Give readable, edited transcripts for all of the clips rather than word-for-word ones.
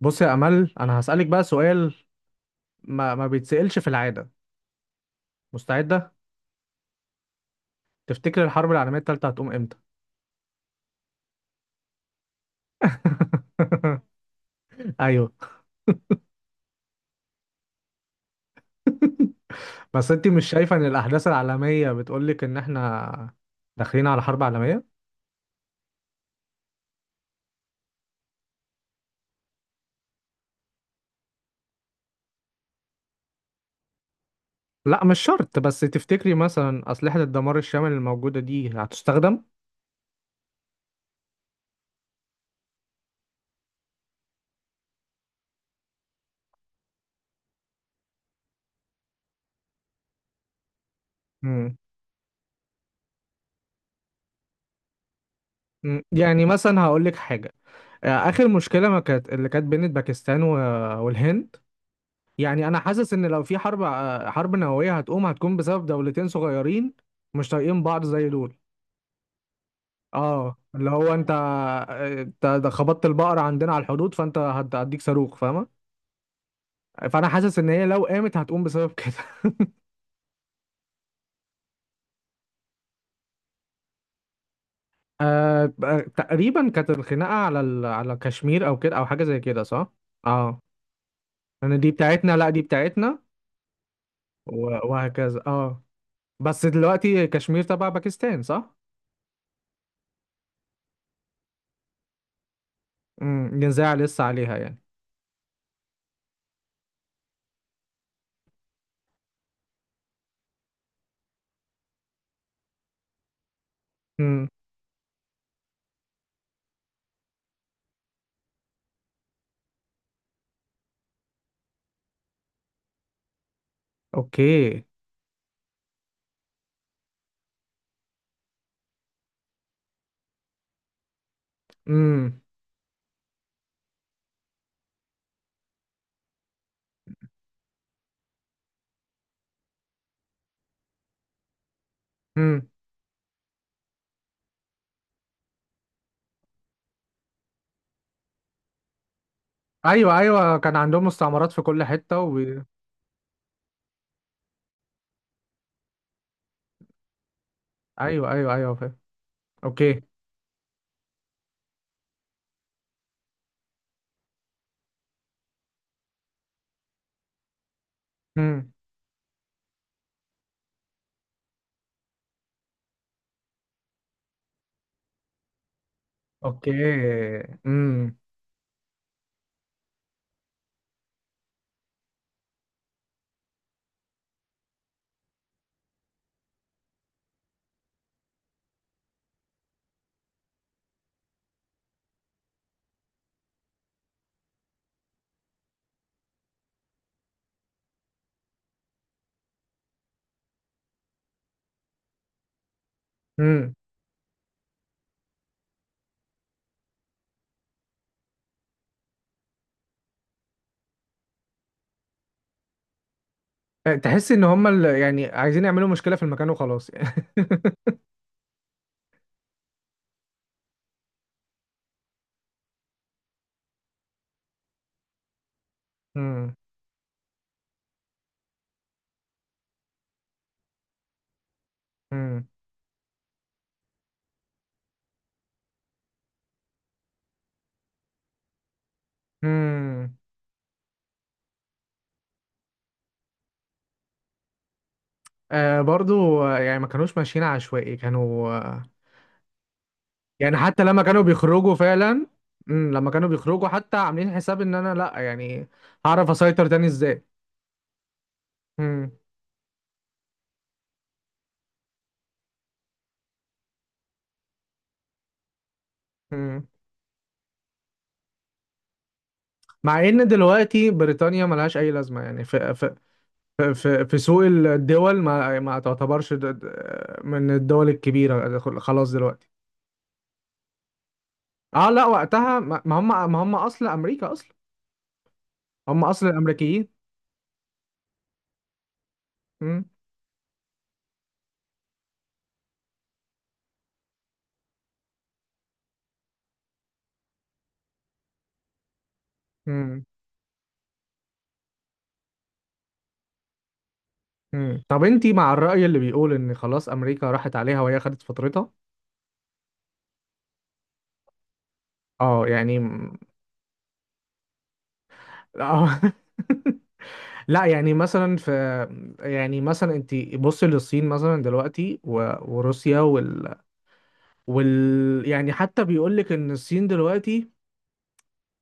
بص يا امل، انا هسالك بقى سؤال. ما بيتسالش في العاده. مستعده؟ تفتكر الحرب العالميه الثالثه هتقوم امتى؟ ايوه. بس انت مش شايفه ان الاحداث العالميه بتقولك ان احنا داخلين على حرب عالميه؟ لا مش شرط، بس تفتكري مثلا اسلحه الدمار الشامل الموجوده دي هتستخدم؟ مم. مم. يعني مثلا هقولك حاجه. اخر مشكله ما كانت اللي كانت بين باكستان والهند، يعني انا حاسس ان لو في حرب، حرب نوويه هتقوم، هتكون بسبب دولتين صغيرين مش طايقين بعض زي دول. اه، اللي هو انت، انت ده خبطت البقره عندنا على الحدود، فانت هديك صاروخ، فاهمه؟ فانا حاسس ان هي لو قامت هتقوم بسبب كده. تقريبا كانت الخناقه على كشمير او كده او حاجه زي كده، صح؟ اه. انا دي بتاعتنا، لا دي بتاعتنا. وهكذا، اه. بس دلوقتي كشمير تبع باكستان، صح؟ امم، نزاع لسه عليها يعني. امم. اوكي. امم. امم. ايوه ايوه، كان عندهم مستعمرات في كل حته ايوه ايوه ايوه، فاهم. اوكي. امم. اوكي. امم. امم. تحس ان هم، يعني عايزين يعملوا مشكله في المكان وخلاص يعني. امم. امم. امم. آه برضو، يعني ما كانوش ماشيين عشوائي، كانوا يعني حتى لما كانوا بيخرجوا فعلا. لما كانوا بيخرجوا حتى عاملين حساب ان انا، لا يعني، هعرف اسيطر تاني ازاي. امم. امم. مع ان دلوقتي بريطانيا ملهاش اي لازمه، يعني في سوق الدول، ما تعتبرش من الدول الكبيره خلاص دلوقتي. اه لا، وقتها ما هم اصل امريكا اصلا، هم اصل الامريكيين. مم. مم. مم. طب انتي مع الرأي اللي بيقول ان خلاص امريكا راحت عليها وهي خدت فترتها؟ اه يعني. اه. لا يعني مثلا في، يعني مثلا انت بصي للصين مثلا دلوقتي وروسيا. يعني حتى بيقول لك ان الصين دلوقتي،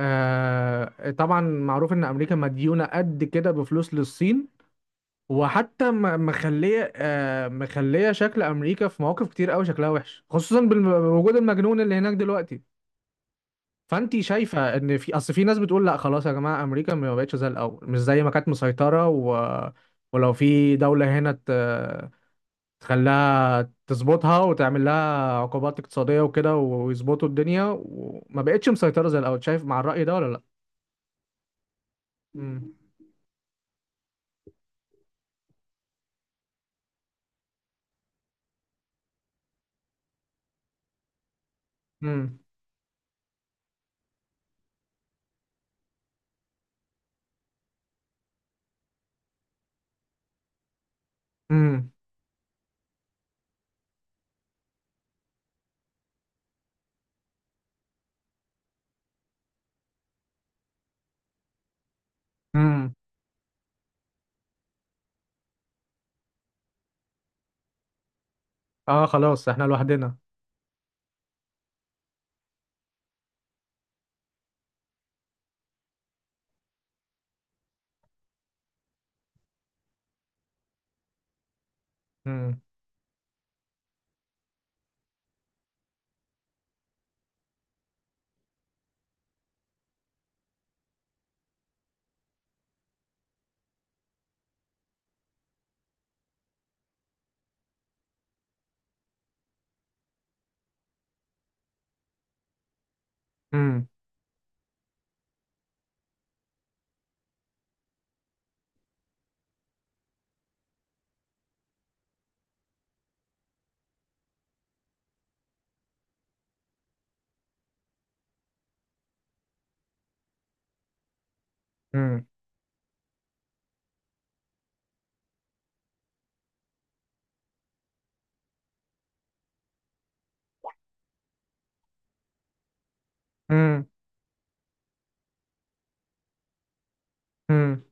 آه طبعا معروف ان امريكا مديونه قد كده بفلوس للصين. وحتى مخليه شكل امريكا في مواقف كتير قوي شكلها وحش، خصوصا بوجود المجنون اللي هناك دلوقتي. فانت شايفه ان في اصل في ناس بتقول لا خلاص يا جماعه امريكا ما بقتش زي الاول، مش زي ما كانت مسيطره ولو في دوله هنا تخليها تظبطها وتعمل لها عقوبات اقتصادية وكده ويظبطوا الدنيا، وما بقتش مسيطرة زي الأول، شايف مع الرأي ده ولا لأ؟ مم. مم. مم. مم. اه خلاص احنا لوحدنا. مم. مم. مم. مم. مم.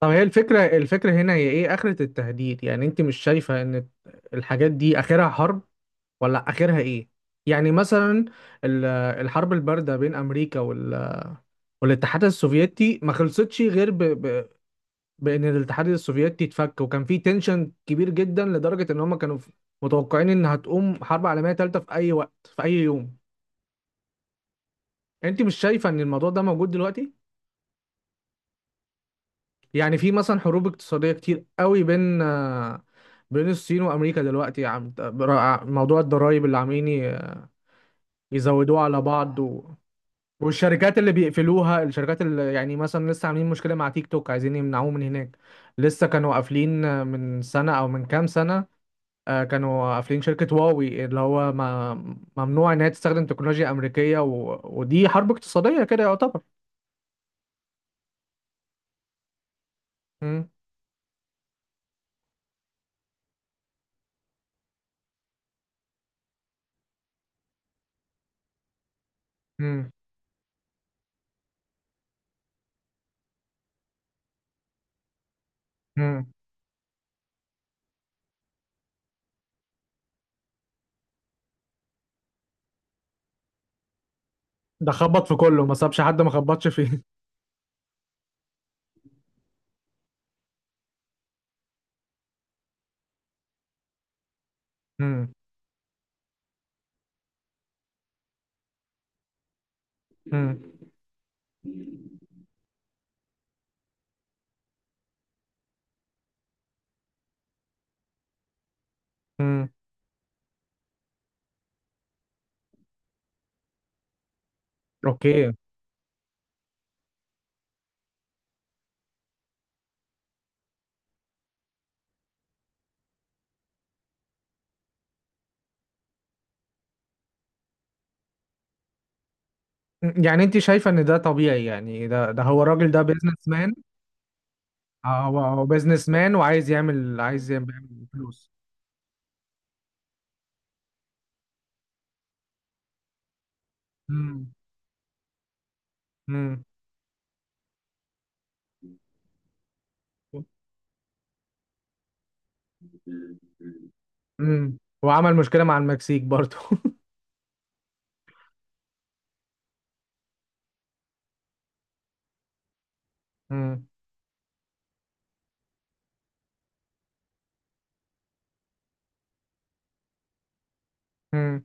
طب هي الفكرة هنا هي ايه؟ آخرة التهديد، يعني انت مش شايفة ان الحاجات دي آخرها حرب ولا آخرها ايه؟ يعني مثلا ال- الحرب الباردة بين أمريكا والاتحاد السوفيتي ما خلصتش غير بان الاتحاد السوفيتي اتفك. وكان في تنشن كبير جدا لدرجه ان هم كانوا متوقعين ان هتقوم حرب عالميه ثالثه في اي وقت في اي يوم. انت مش شايفه ان الموضوع ده موجود دلوقتي؟ يعني في مثلا حروب اقتصاديه كتير قوي بين، بين الصين وامريكا دلوقتي، موضوع الضرائب اللي عاملين يزودوها على بعض والشركات اللي بيقفلوها، الشركات اللي يعني مثلا لسه عاملين مشكله مع تيك توك عايزين يمنعوه من هناك. لسه كانوا قافلين من سنه او من كام سنه، كانوا قافلين شركة هواوي، اللي هو ما، ممنوع إن هي تستخدم تكنولوجيا أمريكية ودي حرب اقتصادية كده يعتبر. مم. مم. مم. ده خبط في كله، ما سابش حد ما خبطش فيه. مم. مم. مم. أوكي. يعني أنت شايفة إن ده طبيعي؟ يعني ده هو الراجل ده بيزنس مان. هو بيزنس مان وعايز يعمل عايز يعمل يعمل فلوس. مم. مم. وعمل مشكلة مع المكسيك برضو. مم. مم.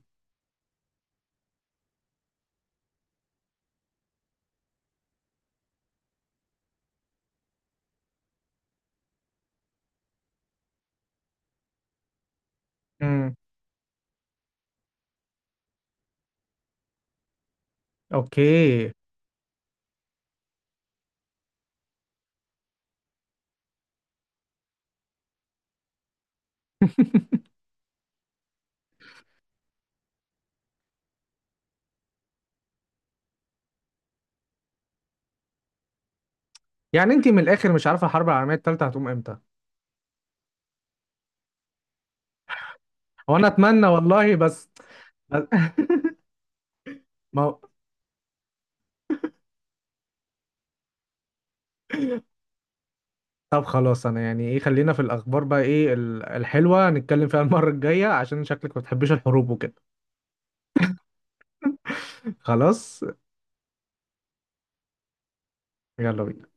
مم. أوكي. يعني انت من الاخر مش عارفه الحرب العالميه الثالثه هتقوم امتى؟ هو انا اتمنى والله، بس. ما هو- طب خلاص، انا يعني ايه، خلينا في الاخبار بقى، ايه الحلوه نتكلم فيها المره الجايه، عشان شكلك ما بتحبيش الحروب وكده. خلاص. يلا بينا.